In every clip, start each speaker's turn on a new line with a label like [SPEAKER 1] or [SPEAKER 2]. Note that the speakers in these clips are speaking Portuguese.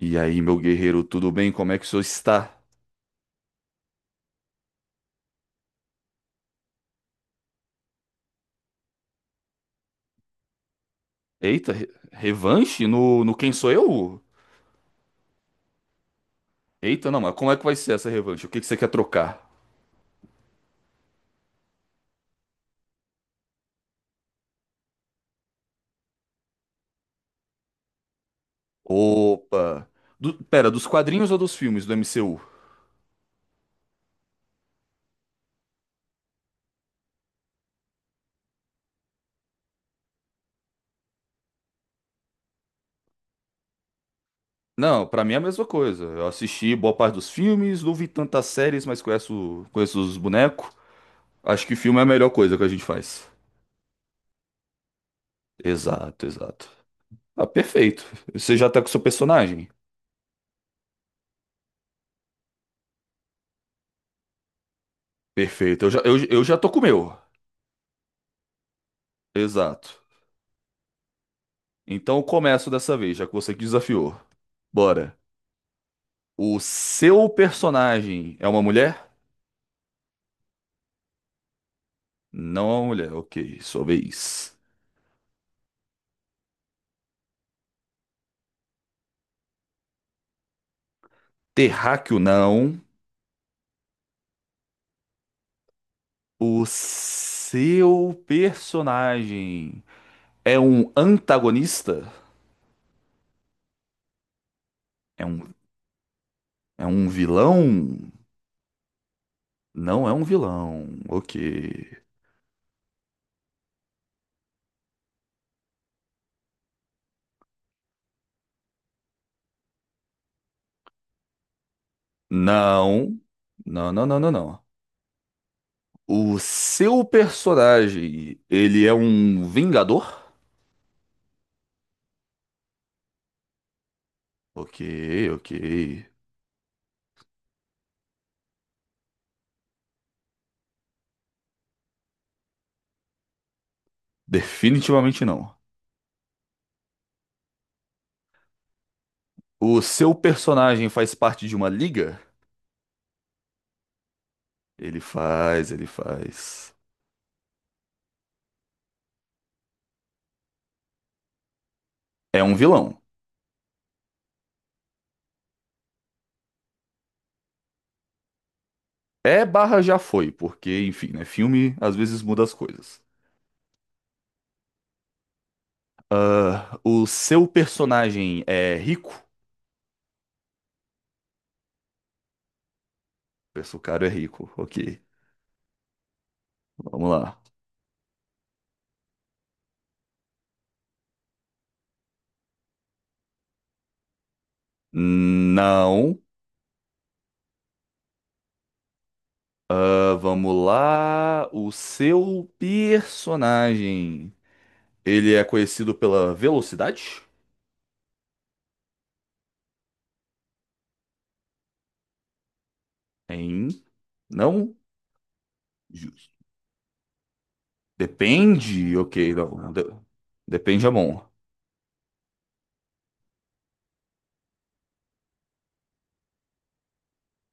[SPEAKER 1] E aí, meu guerreiro, tudo bem? Como é que o senhor está? Eita, revanche no Quem Sou Eu? Eita, não, mas como é que vai ser essa revanche? O que que você quer trocar? Opa! Pera, dos quadrinhos ou dos filmes do MCU? Não, pra mim é a mesma coisa. Eu assisti boa parte dos filmes, não vi tantas séries, mas conheço, conheço os bonecos. Acho que filme é a melhor coisa que a gente faz. Exato, exato. Ah, perfeito. Você já tá com o seu personagem? Perfeito. Eu já, eu já tô com o meu. Exato. Então eu começo dessa vez, já que você que desafiou. Bora. O seu personagem é uma mulher? Não é uma mulher, ok. Sua vez. Terráqueo não. O seu personagem é um antagonista? É um, é um vilão? Não é um vilão, ok. Não. Não, não, não, não, não. O seu personagem, ele é um vingador? Ok, ok. Definitivamente não. O seu personagem faz parte de uma liga? Ele faz, ele faz. É um vilão. É barra já foi, porque, enfim, né? Filme às vezes muda as coisas. Ah, o seu personagem é rico? Penso, o cara é rico. Ok, vamos lá. Não. Ah, vamos lá. O seu personagem. Ele é conhecido pela velocidade? Hein? Não? Justo. Depende, ok, não. Depende é bom.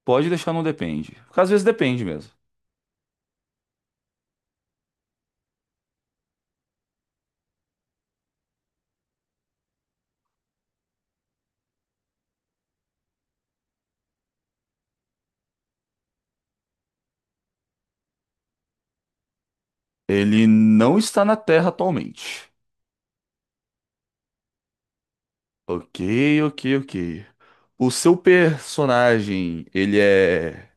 [SPEAKER 1] Pode deixar não depende. Porque às vezes depende mesmo. Ele não está na Terra atualmente. Ok, ok, ok. O seu personagem, ele é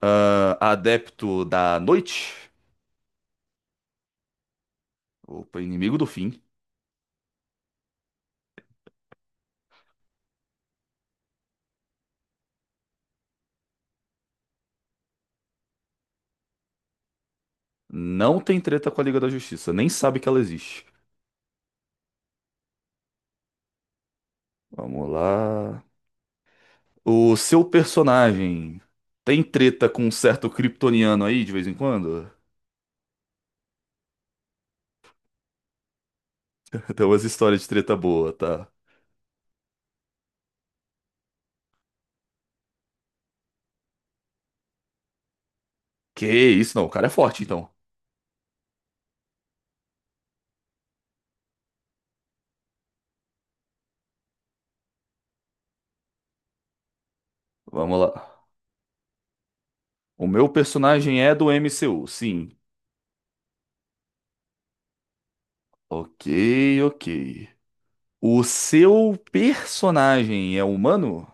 [SPEAKER 1] adepto da noite? Opa, inimigo do fim. Não tem treta com a Liga da Justiça, nem sabe que ela existe. Vamos lá. O seu personagem tem treta com um certo kryptoniano aí de vez em quando? Tem umas histórias de treta boa, tá? Que isso, não. O cara é forte, então. Vamos lá. O meu personagem é do MCU, sim. Ok, ok. O seu personagem é humano?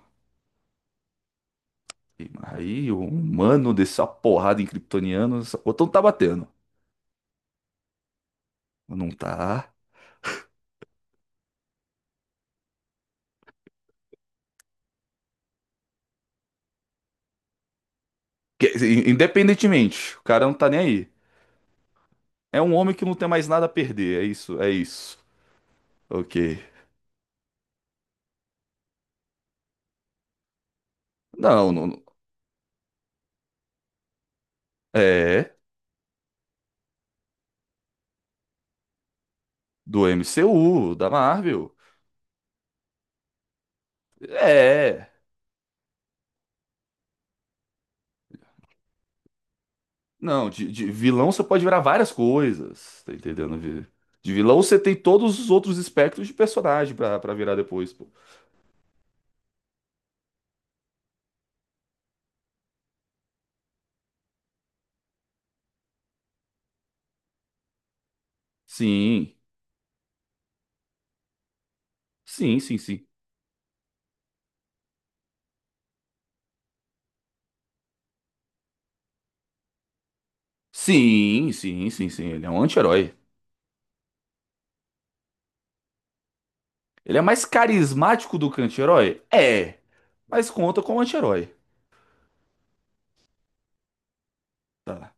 [SPEAKER 1] Ih, mas aí, o humano desceu a porrada em kryptoniano. O então tá batendo. Não tá. Independentemente, o cara não tá nem aí. É um homem que não tem mais nada a perder. É isso, é isso. Ok. Não, não. É. Do MCU, da Marvel. É. Não, de vilão você pode virar várias coisas, tá entendendo? De vilão você tem todos os outros espectros de personagem pra, pra virar depois, pô. Sim, sim, sim, sim. Sim, sim, sim, sim. Ele é um anti-herói. Ele é mais carismático do que anti-herói? É, mas conta como anti-herói, tá?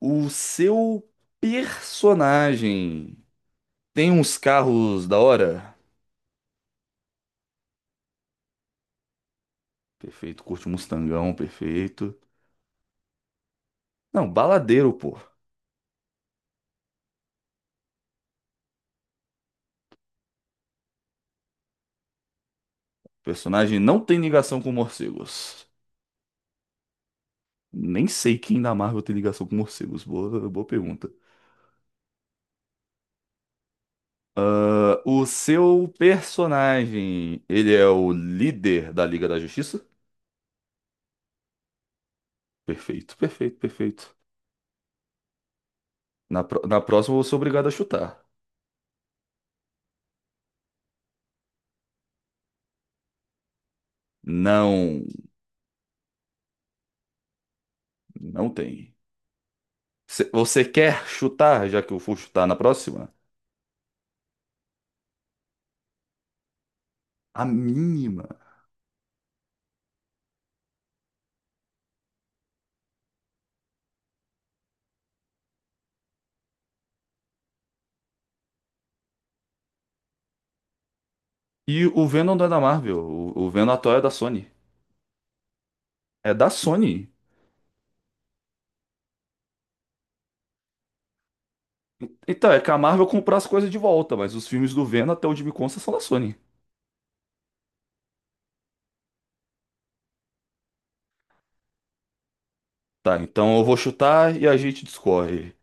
[SPEAKER 1] O seu personagem tem uns carros da hora? Perfeito, curte um Mustangão, perfeito. Não, baladeiro, pô. O personagem não tem ligação com morcegos. Nem sei quem da Marvel tem ligação com morcegos. Boa, boa pergunta. Ah, o seu personagem, ele é o líder da Liga da Justiça? Perfeito, perfeito, perfeito. Na próxima eu vou ser obrigado a chutar. Não, não tem. Você quer chutar, já que eu for chutar na próxima? A mínima. E o Venom não é da Marvel. O Venom atual é da Sony. É da Sony. Então, é que a Marvel comprou as coisas de volta, mas os filmes do Venom, até onde me consta, são da Sony. Tá, então eu vou chutar e a gente discorre.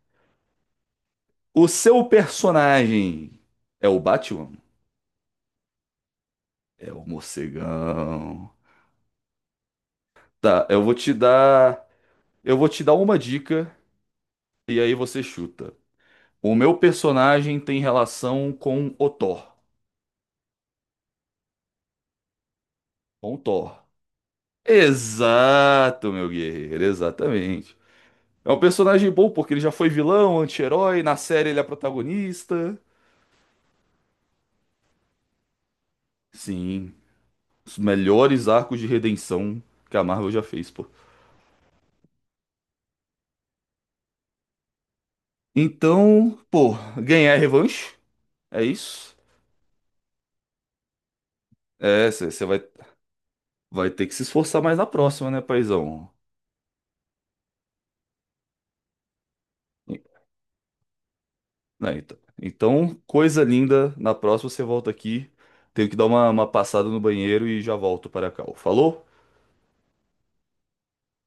[SPEAKER 1] O seu personagem é o Batman? É o morcegão. Tá, eu vou te dar, eu vou te dar uma dica e aí você chuta. O meu personagem tem relação com o Thor, com o Thor. Exato, meu guerreiro, exatamente. É um personagem bom porque ele já foi vilão, anti-herói, na série ele é protagonista. Sim, os melhores arcos de redenção que a Marvel já fez, pô. Então, pô, ganhar é revanche, é isso. É, você vai, vai ter que se esforçar mais na próxima, né, paizão? E- né, então, então, coisa linda, na próxima você volta aqui. Tenho que dar uma passada no banheiro e já volto para cá. Falou?